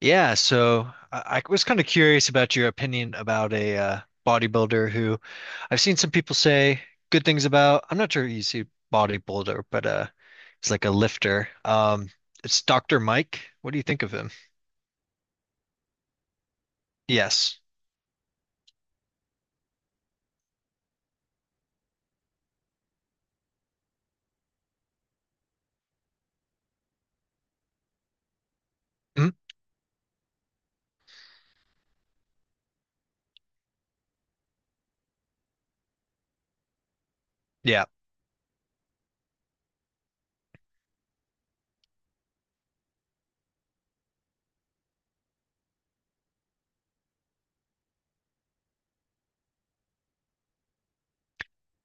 Yeah, so I was kind of curious about your opinion about a bodybuilder who I've seen some people say good things about. I'm not sure you see bodybuilder, but he's like a lifter. It's Dr. Mike. What do you think of him? Yes. Mhm. Yeah.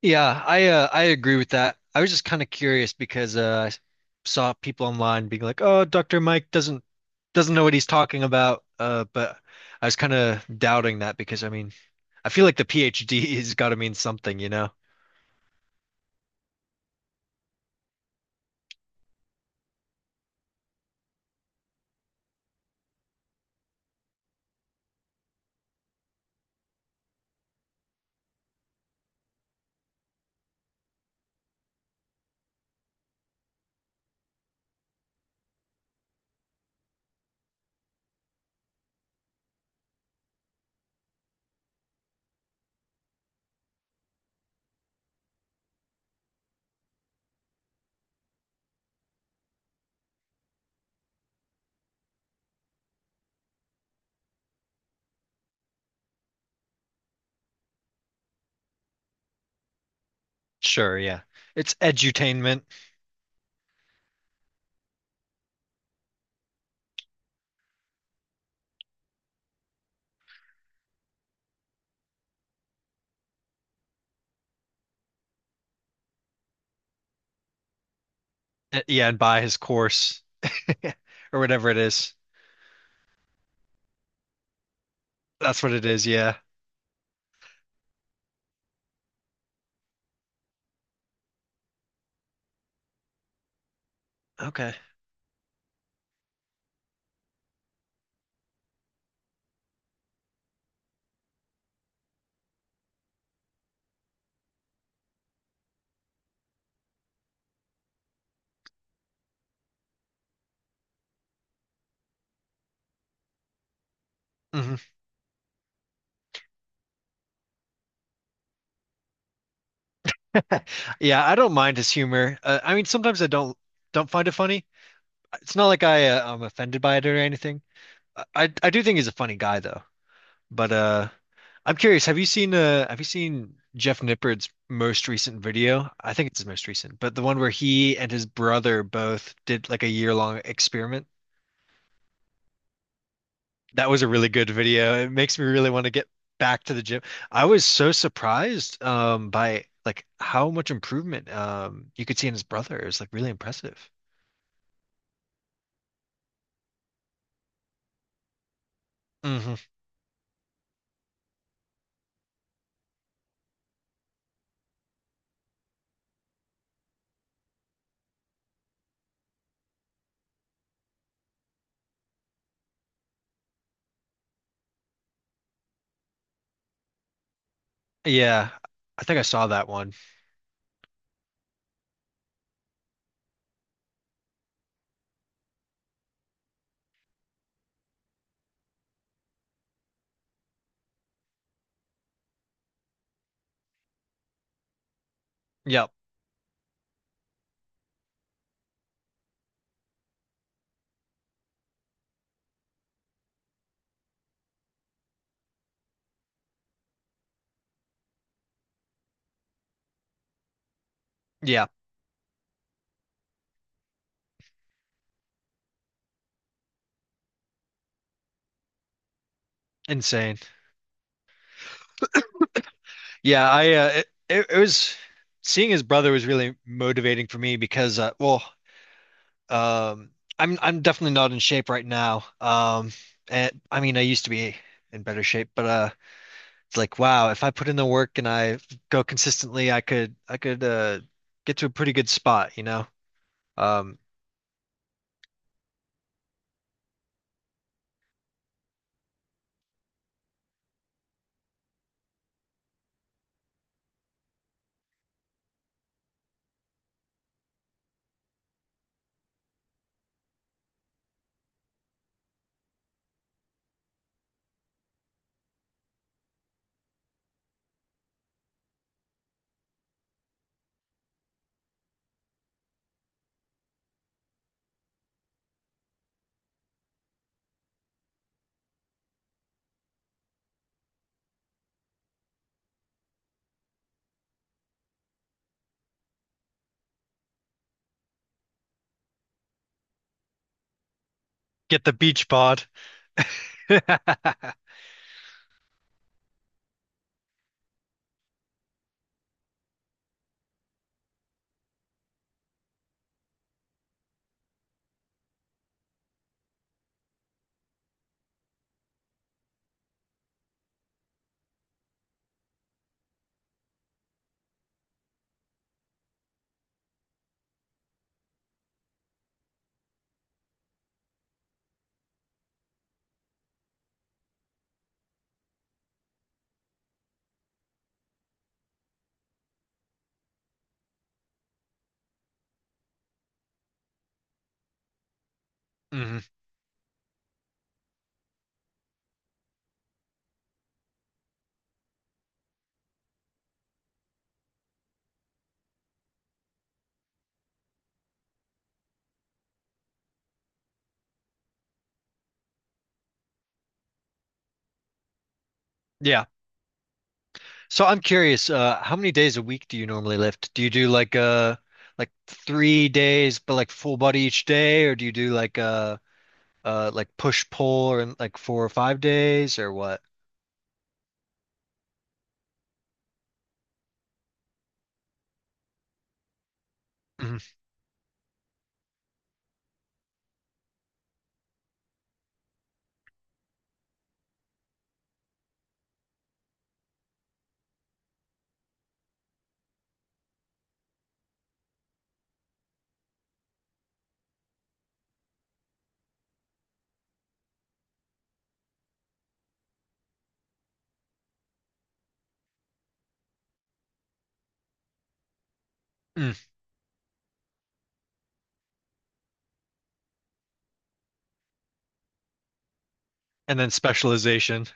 Yeah, I agree with that. I was just kind of curious because I saw people online being like, "Oh, Dr. Mike doesn't know what he's talking about." But I was kind of doubting that because I mean, I feel like the PhD has got to mean something, you know? Sure, yeah. It's edutainment. Yeah, and buy his course or whatever it is. That's what it is, yeah. Okay. Hmm. Yeah, I don't mind his humor. I mean, sometimes I don't find it funny. It's not like I'm offended by it or anything. I do think he's a funny guy though. But I'm curious, have you seen Jeff Nippard's most recent video? I think it's his most recent, but the one where he and his brother both did like a year-long experiment. That was a really good video. It makes me really want to get back to the gym. I was so surprised by like how much improvement you could see in his brother. It was like really impressive. Hmm. Yeah. I think I saw that one. Yep. Yeah. Insane. Yeah, I it, it it was seeing his brother was really motivating for me because well, um, I'm definitely not in shape right now. And I mean, I used to be in better shape, but it's like wow, if I put in the work and I go consistently, I could get to a pretty good spot, you know? Um, get the beach bod. Hmm. Yeah. So I'm curious, how many days a week do you normally lift? Do you do like three days but like full body each day, or do you do like push pull or like four or five days or what? Mm, mm. And then specialization.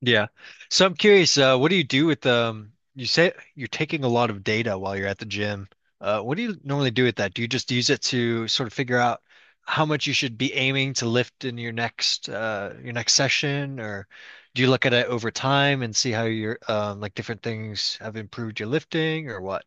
Yeah. So I'm curious, what do you do with you say you're taking a lot of data while you're at the gym. What do you normally do with that? Do you just use it to sort of figure out how much you should be aiming to lift in your next session, or do you look at it over time and see how your like different things have improved your lifting or what?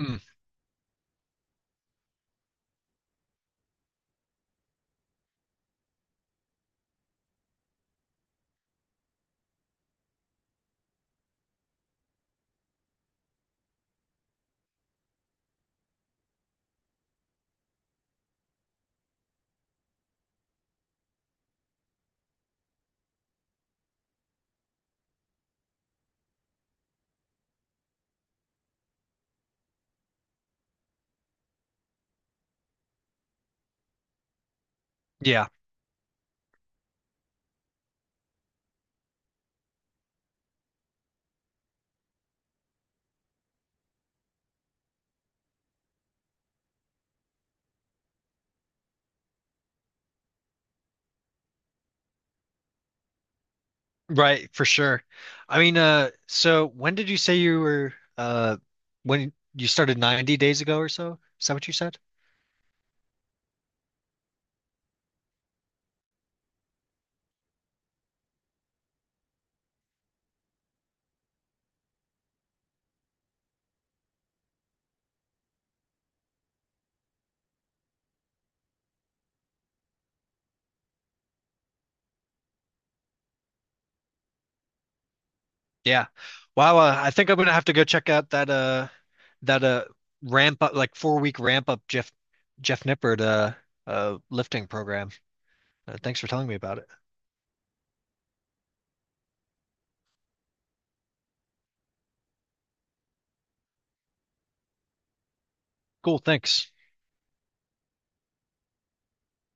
Mm, yeah, right, for sure. I mean, so when did you say you were when you started 90 days ago or so? Is that what you said? Yeah. Wow, I think I'm gonna have to go check out that that uh ramp up like four-week ramp up Jeff Nippert lifting program. Thanks for telling me about it. Cool, thanks.